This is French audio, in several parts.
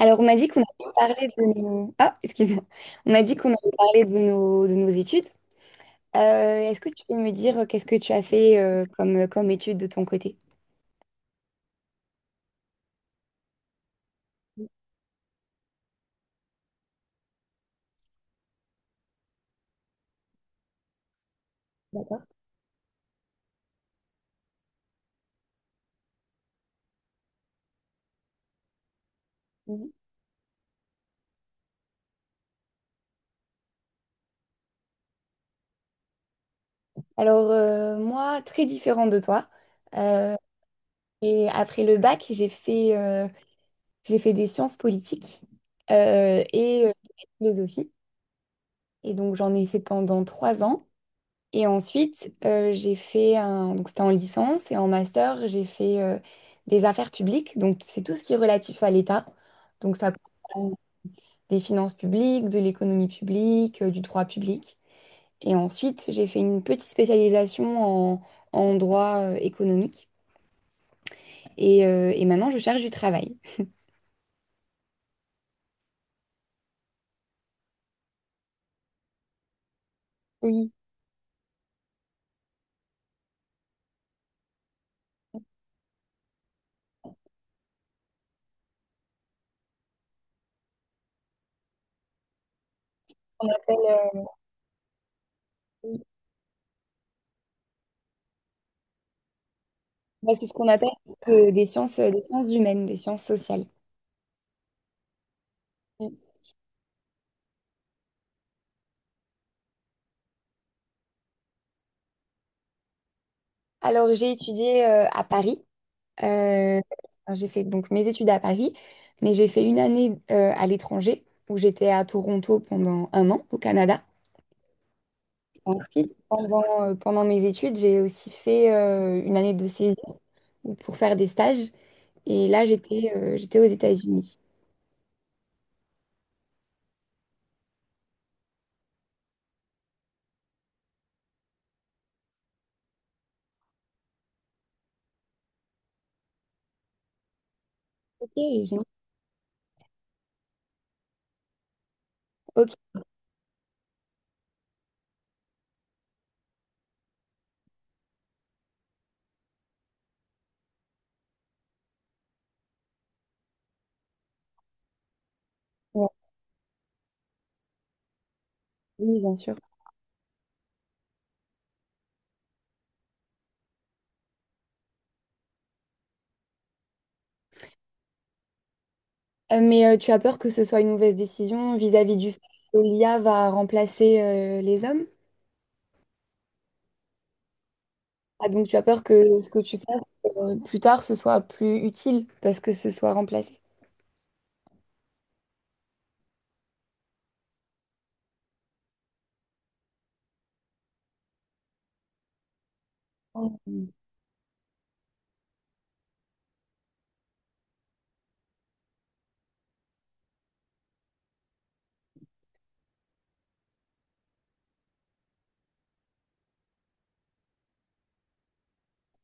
Alors, on m'a dit qu'on allait parler de nos... excuse-moi. On m'a dit qu'on allait parler de nos études. Est-ce que tu peux me dire qu'est-ce que tu as fait comme, comme études de ton côté? D'accord. Mhm. Alors, moi, très différent de toi. Euh, et après le bac, j'ai fait des sciences politiques et philosophie. Et donc, j'en ai fait pendant 3 ans. Et ensuite, j'ai fait un... Donc, c'était en licence et en master, j'ai fait des affaires publiques. Donc, c'est tout ce qui est relatif à l'État. Donc, ça comprend des finances publiques, de l'économie publique, du droit public. Et ensuite, j'ai fait une petite spécialisation en droit économique. Et maintenant, je cherche du travail. Oui. Ouais, c'est ce qu'on appelle des sciences humaines, des sciences sociales. Mm. Alors, j'ai étudié à Paris. Euh, enfin, j'ai fait donc mes études à Paris, mais j'ai fait une année à l'étranger où j'étais à Toronto pendant un an au Canada. Ensuite, pendant mes études, j'ai aussi fait une année de césure ou pour faire des stages. Et là, j'étais aux États-Unis. Ok, j'ai- ok. Ouais. Oui, bien sûr. Mais tu as peur que ce soit une mauvaise décision vis-à-vis du fait que l'IA va remplacer les hommes? Ah, donc tu as peur que ce que tu fasses plus tard, ce soit plus utile parce que ce soit remplacé.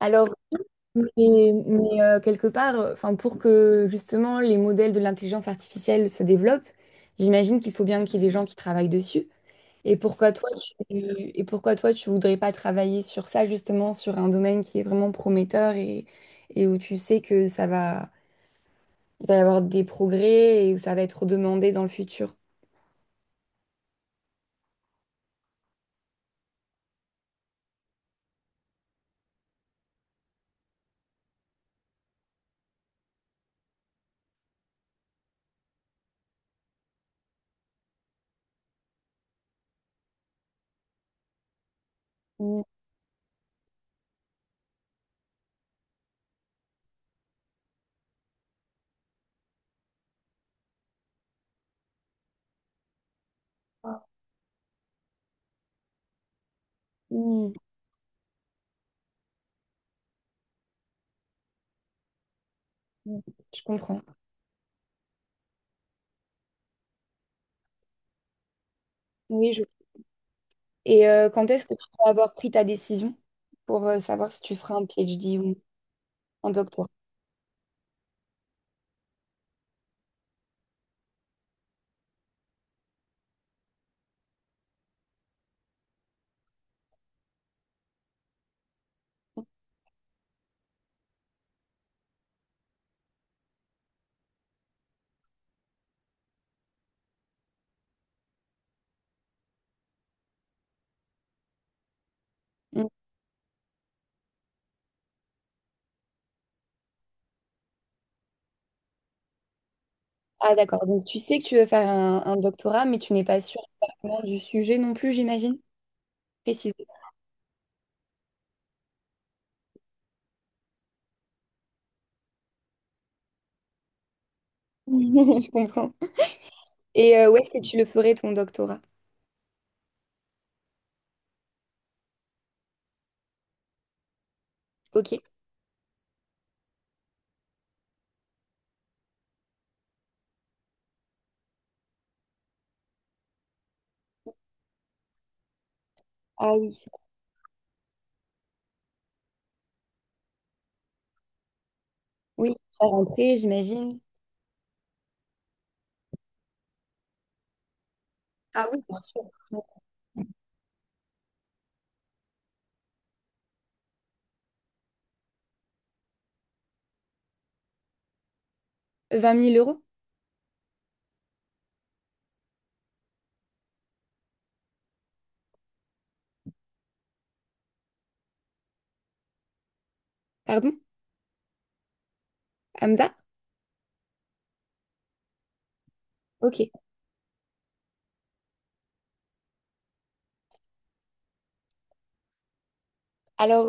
Alors, mais, mais, quelque part, enfin, pour que justement les modèles de l'intelligence artificielle se développent, j'imagine qu'il faut bien qu'il y ait des gens qui travaillent dessus. Et pourquoi toi, tu, et pourquoi toi, tu voudrais pas travailler sur ça, justement, sur un domaine qui est vraiment prometteur et où tu sais que ça va il va y avoir des progrès et où ça va être demandé dans le futur. Mm, mm, mm. Je comprends. Oui, je... Et quand est-ce que tu vas avoir pris ta décision pour savoir si tu feras un PhD ou un doctorat? Mm. Ah d'accord, donc tu sais que tu veux faire un doctorat, mais tu n'es pas sûre exactement du sujet non plus, j'imagine. Précisé. Je comprends. Et où est-ce que tu le ferais ton doctorat? Ok. Ah oui, c'est- oui, à rentrer, j'imagine. Ah oui, bien sûr. 20 000 euros, pardon? Hamza? Ok. Alors,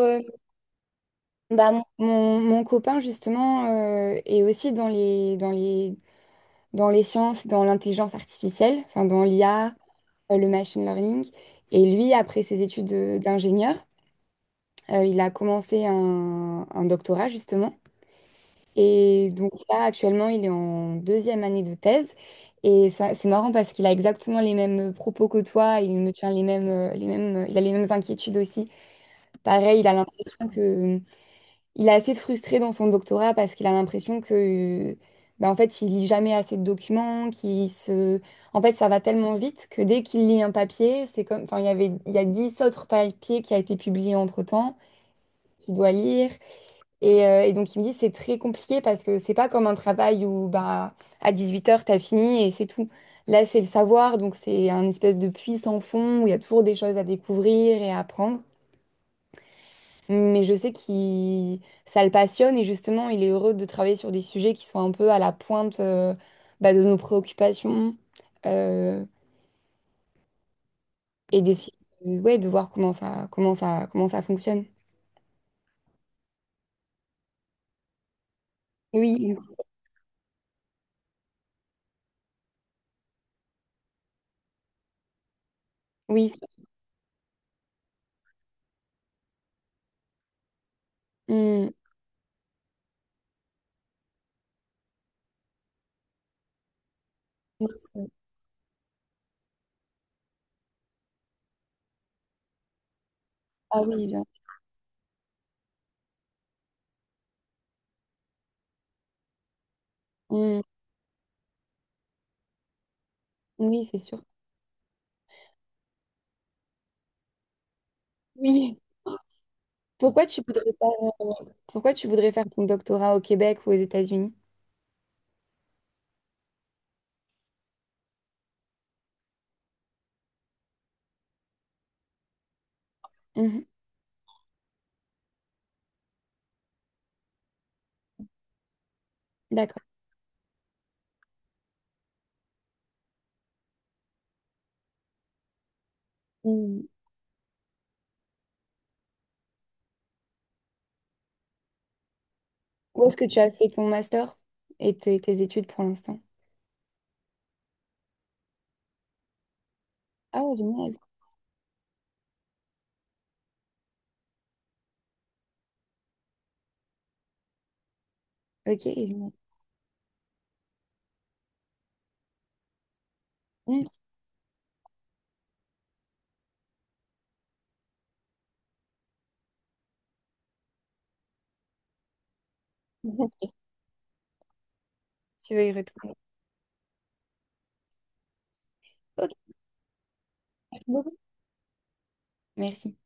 bah, mon copain, justement, est aussi dans les sciences, dans l'intelligence artificielle, enfin, dans l'IA, le machine learning. Et lui, après ses études d'ingénieur, il a commencé un doctorat, justement. Et donc là, actuellement, il est en deuxième année de thèse. Et ça, c'est marrant parce qu'il a exactement les mêmes propos que toi. Il me tient les mêmes, il a les mêmes inquiétudes aussi. Pareil, il a l'impression que il est assez frustré dans son doctorat parce qu'il a l'impression que, bah, en fait, il lit jamais assez de documents, qu'il se... En fait, ça va tellement vite que dès qu'il lit un papier, c'est comme... il y a 10 autres papiers qui a été publiés entre-temps, qu'il doit lire. Et donc, il me dit, c'est très compliqué parce que c'est pas comme un travail où, bah, à 18 heures t'as fini et c'est tout. Là, c'est le savoir, donc c'est un espèce de puits sans fond où il y a toujours des choses à découvrir et à apprendre. Mais je sais qu'il ça le passionne et justement, il est heureux de travailler sur des sujets qui sont un peu à la pointe bah, de nos préoccupations euh, et d'essayer ouais, de voir comment ça fonctionne. Oui, oui. Hum, oui, c'est- ah oui, bien. Hum, oui, c'est sûr. Oui. Pourquoi tu voudrais pas pourquoi tu voudrais faire ton doctorat au Québec ou aux États-Unis? Mhm, d'accord. Hum. Où est-ce que tu as fait ton master et tes études pour l'instant? Ah, génial. Ok. Mm. Tu vas y retourner. Ok, merci beaucoup. Merci.